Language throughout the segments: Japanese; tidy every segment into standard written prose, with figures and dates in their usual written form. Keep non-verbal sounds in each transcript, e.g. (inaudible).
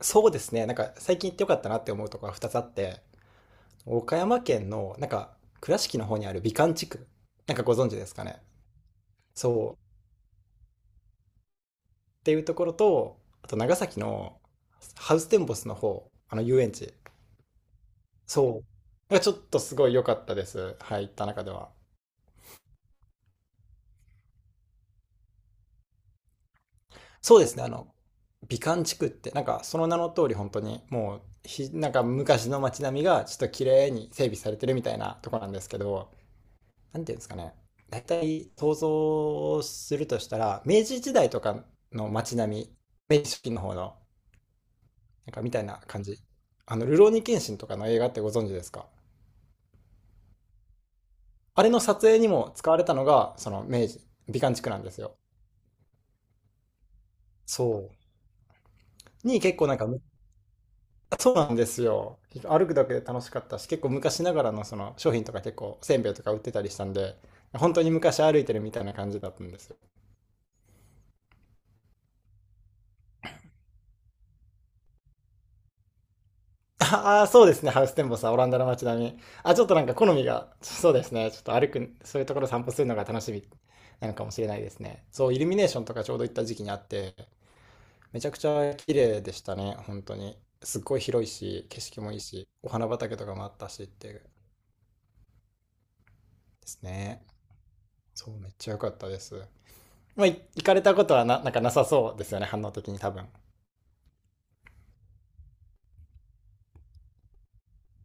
そうですね。最近行ってよかったなって思うところが2つあって、岡山県の倉敷の方にある美観地区、なんかご存知ですかね。そう。っていうところと、あと長崎のハウステンボスの方、あの遊園地。そう。がちょっとすごい良かったです。はい、行った中では。そうですね。あの、美観地区って、なんかその名の通り本当にもうひ、なんか昔の街並みがちょっと綺麗に整備されてるみたいなとこなんですけど、なんていうんですかね。大体想像するとしたら、明治時代とかの街並み、明治初期の方の、なんかみたいな感じ。あの、ルローニケンシンとかの映画ってご存知ですか？あれの撮影にも使われたのが、その明治、美観地区なんですよ。そう。に結構なんか、むそうなんですよ。歩くだけで楽しかったし、結構昔ながらのその商品とか結構、せんべいとか売ってたりしたんで、本当に昔歩いてるみたいな感じだったんですよ。ああ、そうですね。ハウステンボスはオランダの街並み。あ、ちょっとなんか好みが、そうですね。ちょっと歩く、そういうところ散歩するのが楽しみなのかもしれないですね。そう、イルミネーションとかちょうど行った時期にあって、めちゃくちゃ綺麗でしたね。本当に。すっごい広いし、景色もいいし、お花畑とかもあったしっていうですね。そう、めっちゃ良かったです。まあ、い行かれたことはな、なんかなさそうですよね。反応的に多分。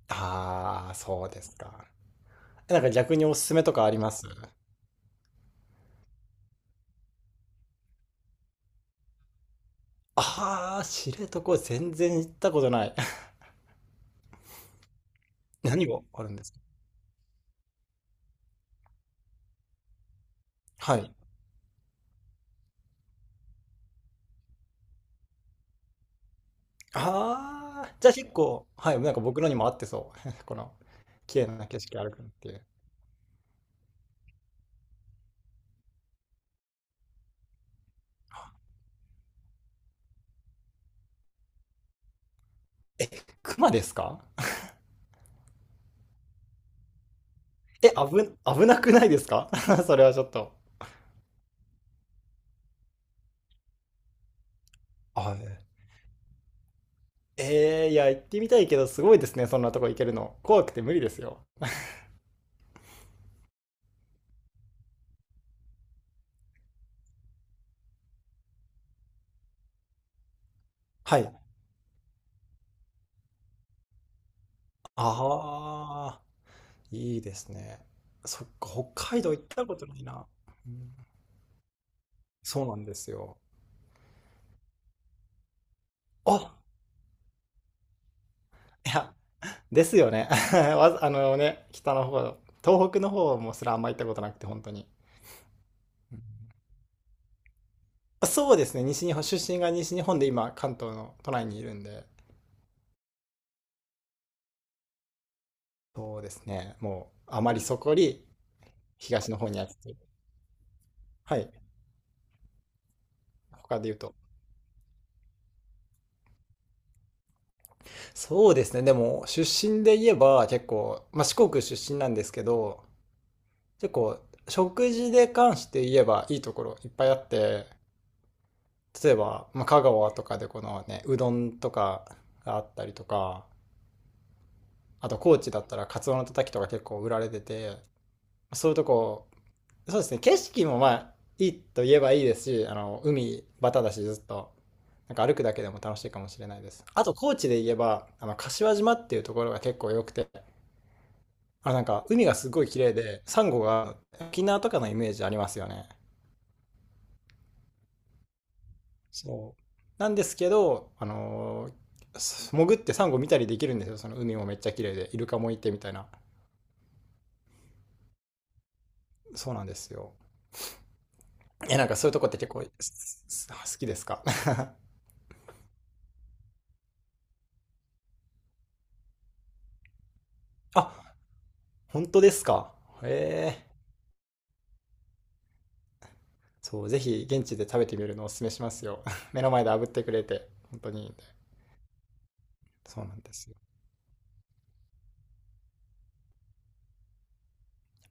ああ、そうですか。なんか逆におすすめとかあります？ああ、知床全然行ったことない。(laughs) 何があるんですか？はい。ああ、じゃあ結構、はい、なんか僕のにも合ってそう。(laughs) この、綺麗な景色歩くのっていう。え、熊ですか？え、危、危なくないですか？ (laughs) それはちょっと。はい。えー、いや、行ってみたいけど、すごいですね、そんなとこ行けるの。怖くて無理ですよ。はい。ああ、いいですね。そっか、北海道行ったことないな。うん。そうなんですよ。あ、いや、ですよね。(laughs) あのね、北の方、東北の方もすらあんま行ったことなくて、本当に。そうですね、西日本、出身が西日本で今、関東の都内にいるんで、そうですね、もう、あまりそこより東の方にやってて、はい、他で言うと。そうですね、でも、出身で言えば、結構、まあ、四国出身なんですけど、結構、食事で関して言えば、いいところいっぱいあって、例えば、まあ、香川とかでこのね、うどんとかがあったりとか、あと高知だったらカツオのたたきとか結構売られてて、そういうとこ、そうですね、景色もまあいいと言えばいいですし、あの海バタだしずっとなんか歩くだけでも楽しいかもしれないです。あと高知で言えばあの柏島っていうところが結構良くて、あの海がすごい綺麗でサンゴが沖縄とかのイメージありますよね。そうなんですけど、あのーす潜ってサンゴ見たりできるんですよ。その海もめっちゃ綺麗でイルカもいてみたいな。そうなんですよ。え、なんかそういうとこって結構好きですか？ (laughs) あ、本当ですか？へえ。そう、ぜひ現地で食べてみるのをおすすめしますよ。(laughs) 目の前で炙ってくれて、本当にいいんで。そうなんですよ。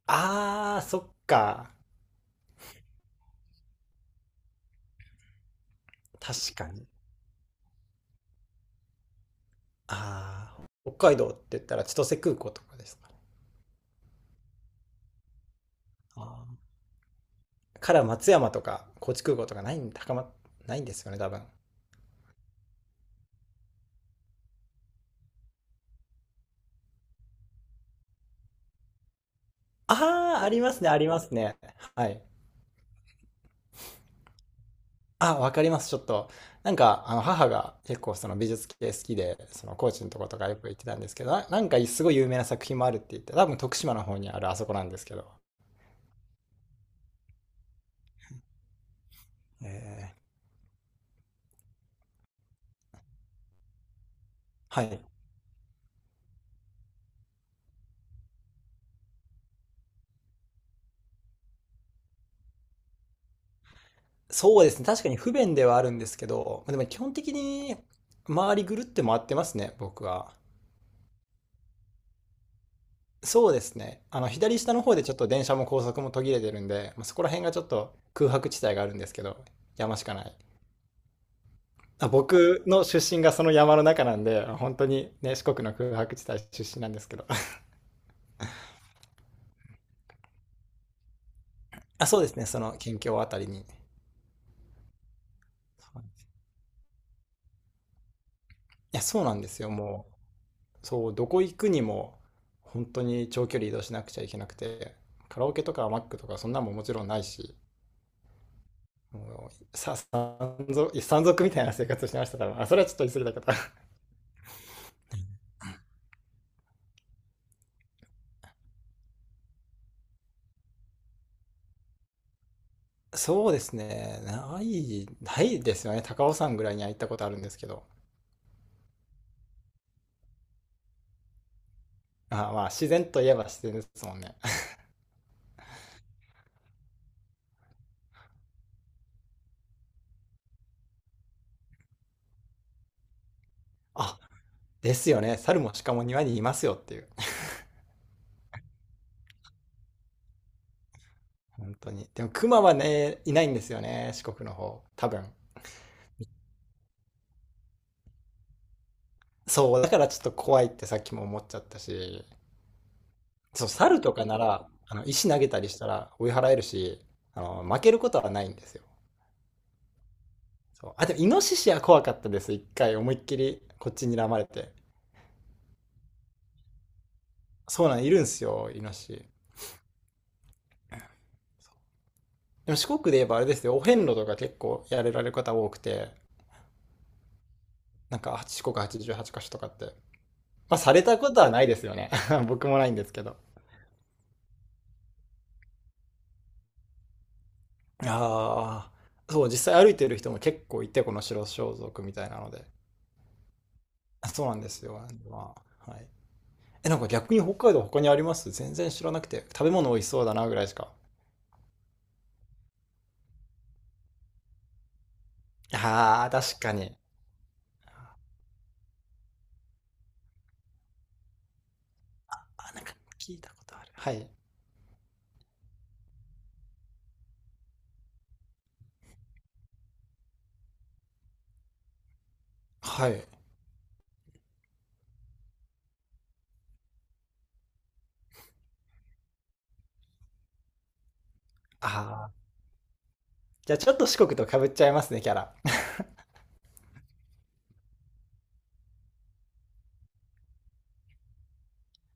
あー、そっか。確かに。あー、北海道って言ったら千歳空港とかですかね。あーから松山とか高知空港とかないんですよね、多分。あー、ありますね、ありますね。はい。あ、わかります、ちょっと。なんか、あの、母が結構その美術系好きで、その高知のとことかよく行ってたんですけど、なんかすごい有名な作品もあるって言って、多分徳島の方にあるあそこなんですけど。えー、はい。そうですね、確かに不便ではあるんですけど、でも基本的に周りぐるって回ってますね、僕は。そうですね。あの、左下の方でちょっと電車も高速も途切れてるんで、まあ、そこら辺がちょっと空白地帯があるんですけど、山しかない。あ、僕の出身がその山の中なんで、本当にね、四国の空白地帯出身なんですけど。(laughs) あ、そうですね、その県境あたりに。いや、そうなんですよ、もう。そう、どこ行くにも、本当に長距離移動しなくちゃいけなくて、カラオケとかマックとかそんなんももちろんないし、もう、山賊みたいな生活をしてました、多分。まあ、それはちょっと言い過ぎたけど。(laughs) そうですね、ないですよね。高尾山ぐらいには行ったことあるんですけど。あ、まあ、自然といえば自然ですもんね。(laughs) あ、ですよね。猿も鹿も庭にいますよっていう。(laughs) 本当に。でも熊はね、いないんですよね。四国の方。多分。そう、だからちょっと怖いってさっきも思っちゃったし。そう、猿とかなら、あの、石投げたりしたら追い払えるし、あの、負けることはないんですよ。そう。あ、でもイノシシは怖かったです。一回思いっきりこっちに睨まれて。そうなん、いるんすよ、イノシシ。でも四国で言えばあれですよ、お遍路とか結構やれられる方多くて、なんか四国88箇所とかって、まあ、されたことはないですよね。(laughs) 僕もないんですけど。ああ、そう、実際歩いてる人も結構いて、この白装束みたいなので。そうなんですよ。まあ、はい。え、なんか逆に北海道他にあります？全然知らなくて。食べ物美味しそうだなぐらいしか。ああ、確かに。あ、なんか聞いたことある。はい。はい。ああ、じゃあちょっと四国と被っちゃいますね、キャラ。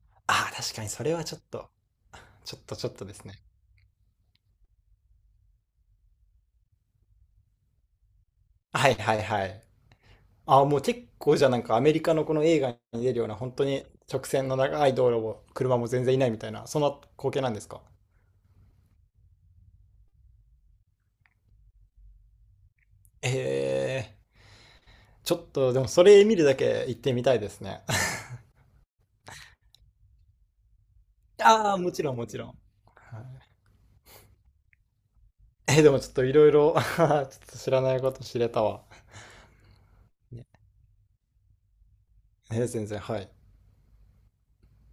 (laughs) ああ、確かにそれはちょっと、ちょっとですね。はいはいはい。あ、もう結構じゃあアメリカのこの映画に出るような本当に直線の長い道路を車も全然いないみたいな、そんな光景なんですか？えー、ちょっとでもそれ見るだけ行ってみたいですね。(laughs) ああ、もちろんもちろん。はい。えー、でもちょっといろいろ (laughs)、ちょっと知らないこと知れたわ。ね。えー全然、はい。